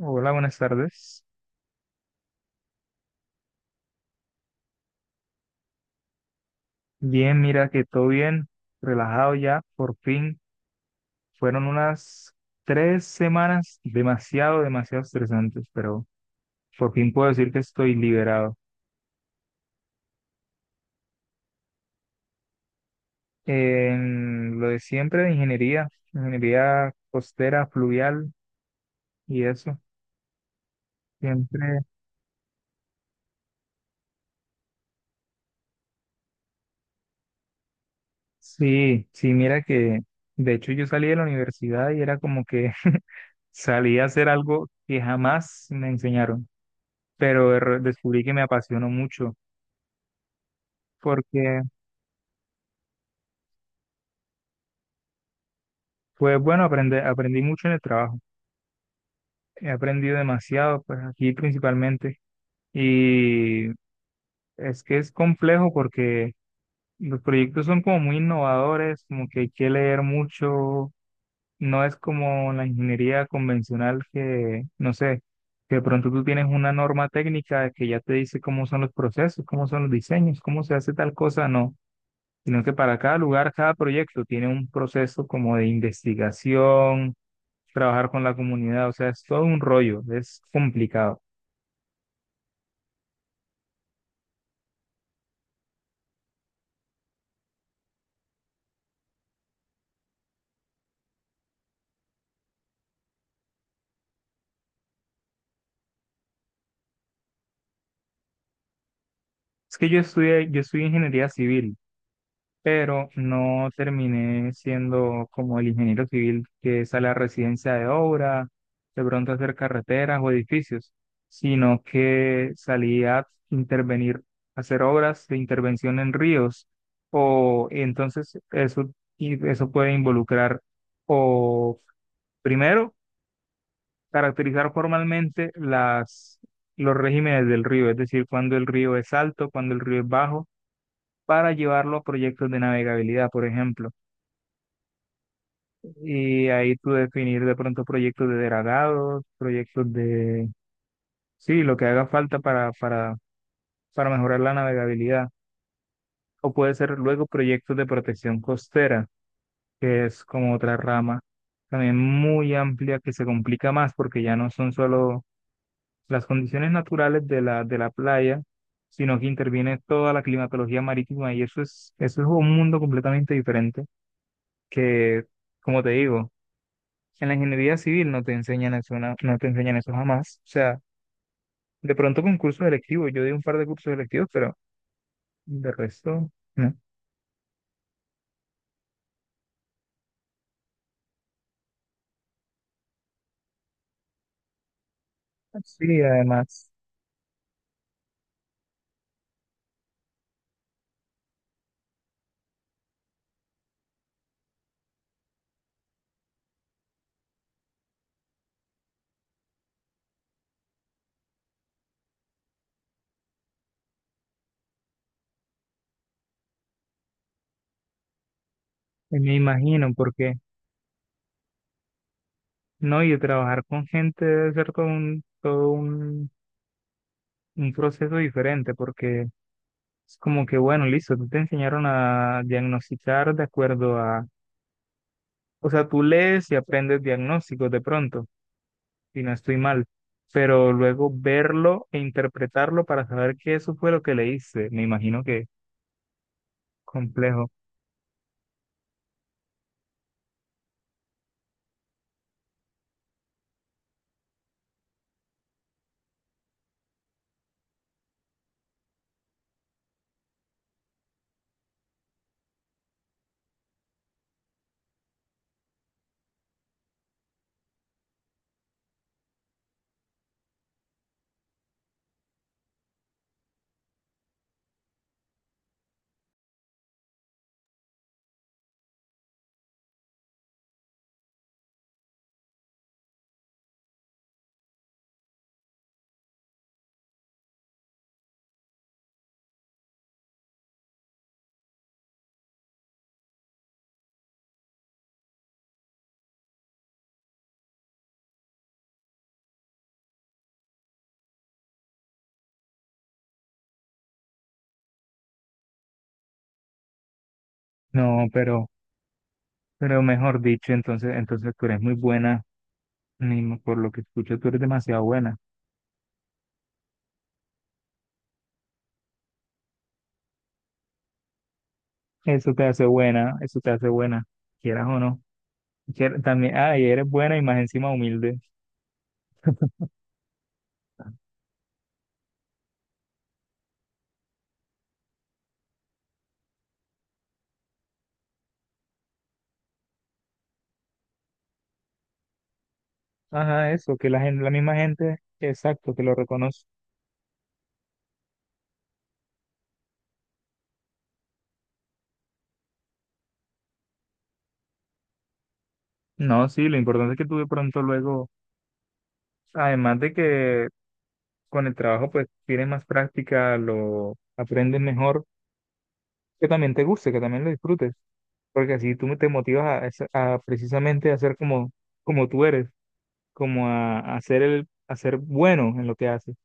Hola, buenas tardes. Bien, mira que todo bien, relajado ya, por fin. Fueron unas tres semanas demasiado, demasiado estresantes, pero por fin puedo decir que estoy liberado. En lo de siempre de ingeniería, ingeniería costera, fluvial y eso, siempre. Sí, sí, mira que de hecho yo salí de la universidad y era como que salí a hacer algo que jamás me enseñaron, pero descubrí que me apasionó mucho porque fue bueno aprender, aprendí mucho en el trabajo, he aprendido demasiado, pues aquí principalmente, y es que es complejo porque los proyectos son como muy innovadores, como que hay que leer mucho, no es como la ingeniería convencional que, no sé, que de pronto tú tienes una norma técnica que ya te dice cómo son los procesos, cómo son los diseños, cómo se hace tal cosa, no, sino que para cada lugar, cada proyecto tiene un proceso como de investigación, trabajar con la comunidad, o sea, es todo un rollo, es complicado. Es que yo estudié ingeniería civil pero no terminé siendo como el ingeniero civil que sale a residencia de obra, de pronto a hacer carreteras o edificios, sino que salí a intervenir, a hacer obras de intervención en ríos, o entonces eso, y eso puede involucrar o primero caracterizar formalmente los regímenes del río, es decir, cuando el río es alto, cuando el río es bajo, para llevarlo a proyectos de navegabilidad, por ejemplo. Y ahí tú definir de pronto proyectos de dragados, proyectos de, sí, lo que haga falta para, para mejorar la navegabilidad. O puede ser luego proyectos de protección costera, que es como otra rama también muy amplia que se complica más porque ya no son solo las condiciones naturales de la playa, sino que interviene toda la climatología marítima y eso es un mundo completamente diferente que, como te digo, en la ingeniería civil no te enseñan eso, no, no te enseñan eso jamás. O sea, de pronto con cursos electivos, yo di un par de cursos electivos, pero de resto, no. Sí, además, me imagino, porque no, y trabajar con gente debe ser todo un proceso diferente, porque es como que, bueno, listo, tú te enseñaron a diagnosticar de acuerdo a, o sea, tú lees y aprendes diagnósticos de pronto si no estoy mal, pero luego verlo e interpretarlo para saber que eso fue lo que leíste. Me imagino que complejo. No, pero mejor dicho, entonces tú eres muy buena, Nimo, por lo que escucho, tú eres demasiado buena. Eso te hace buena, eso te hace buena, quieras o no. También, ah, y eres buena y más encima humilde. Ajá, eso, que la gente, la misma gente, exacto, que lo reconoce. No, sí, lo importante es que tú de pronto luego, además de que con el trabajo pues tienes más práctica, lo aprendes mejor, que también te guste, que también lo disfrutes, porque así tú te motivas a, a precisamente a ser como, como tú eres, como a ser bueno en lo que haces,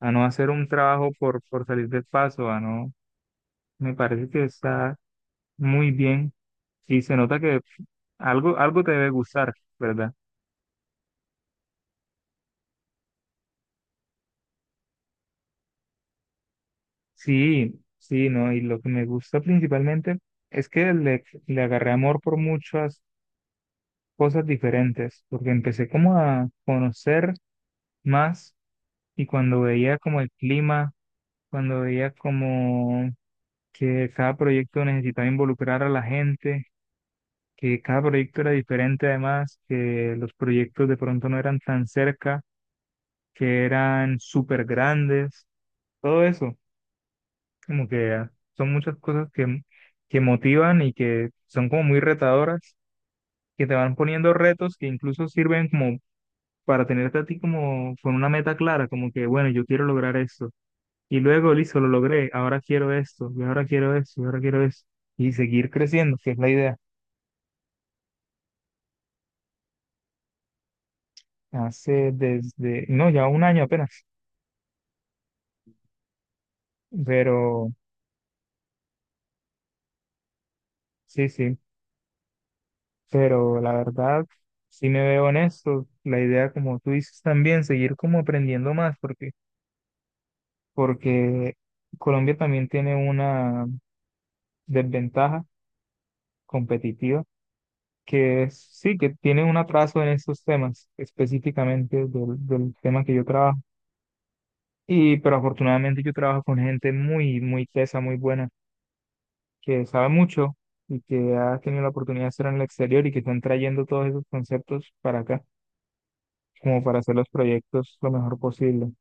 a no hacer un trabajo por salir del paso, a no, me parece que está muy bien y se nota que algo, algo te debe gustar, ¿verdad? Sí, sí, ¿no? Y lo que me gusta principalmente es que le agarré amor por muchas cosas diferentes, porque empecé como a conocer más y cuando veía como el clima, cuando veía como que cada proyecto necesitaba involucrar a la gente, que cada proyecto era diferente además, que los proyectos de pronto no eran tan cerca, que eran súper grandes, todo eso, como que ah, son muchas cosas que motivan y que son como muy retadoras, que te van poniendo retos que incluso sirven como para tenerte a ti como con una meta clara, como que, bueno, yo quiero lograr esto. Y luego, listo, lo logré, ahora quiero esto, y ahora quiero esto, y ahora quiero esto. Y seguir creciendo, que es la idea. Hace desde, no, ya un año apenas, pero sí, sí, pero la verdad, sí me veo en esto. La idea, como tú dices también, seguir como aprendiendo más, porque Colombia también tiene una desventaja competitiva sí, que tienen un atraso en estos temas, específicamente del tema que yo trabajo. Pero afortunadamente yo trabajo con gente muy, muy tesa, muy buena, que sabe mucho y que ha tenido la oportunidad de estar en el exterior y que están trayendo todos esos conceptos para acá, como para hacer los proyectos lo mejor posible.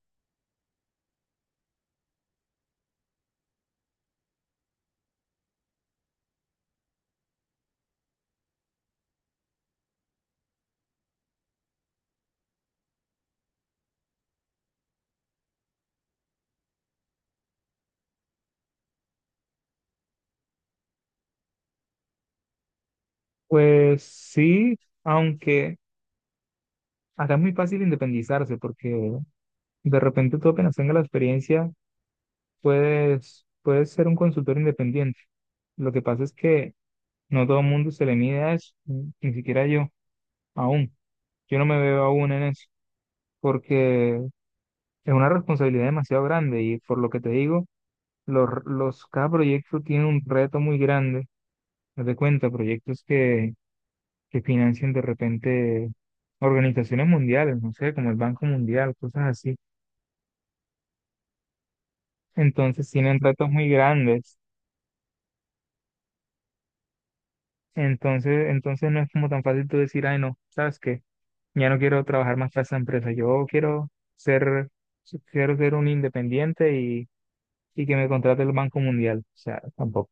Pues sí, aunque acá es muy fácil independizarse, porque de repente tú apenas tengas la experiencia, puedes ser un consultor independiente. Lo que pasa es que no todo el mundo se le mide a eso, ni siquiera yo, aún. Yo no me veo aún en eso, porque es una responsabilidad demasiado grande y por lo que te digo, cada proyecto tiene un reto muy grande. Haz de cuenta, proyectos que financian de repente organizaciones mundiales, no sé, como el Banco Mundial, cosas así. Entonces tienen retos muy grandes. Entonces no es como tan fácil tú decir, ay, no, ¿sabes qué? Ya no quiero trabajar más para esa empresa. Yo quiero ser, quiero ser un independiente y que me contrate el Banco Mundial. O sea, tampoco.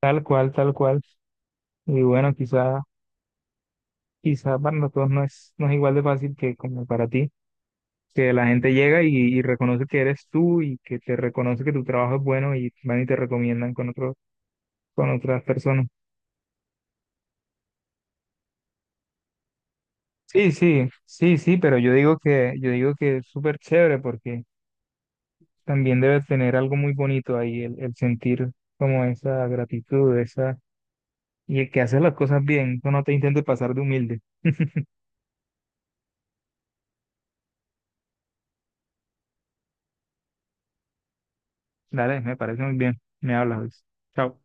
Tal cual, tal cual. Y bueno, quizá para nosotros no es igual de fácil que como para ti, que la gente llega y reconoce que eres tú y que te reconoce que tu trabajo es bueno y van y te recomiendan con otras personas. Sí, sí, sí, sí, pero yo digo que es súper chévere porque también debe tener algo muy bonito ahí, el sentir como esa gratitud, esa, y el que haces las cosas bien, tú no te intentes pasar de humilde. Dale, me parece muy bien. Me hablas, Luis. Chao.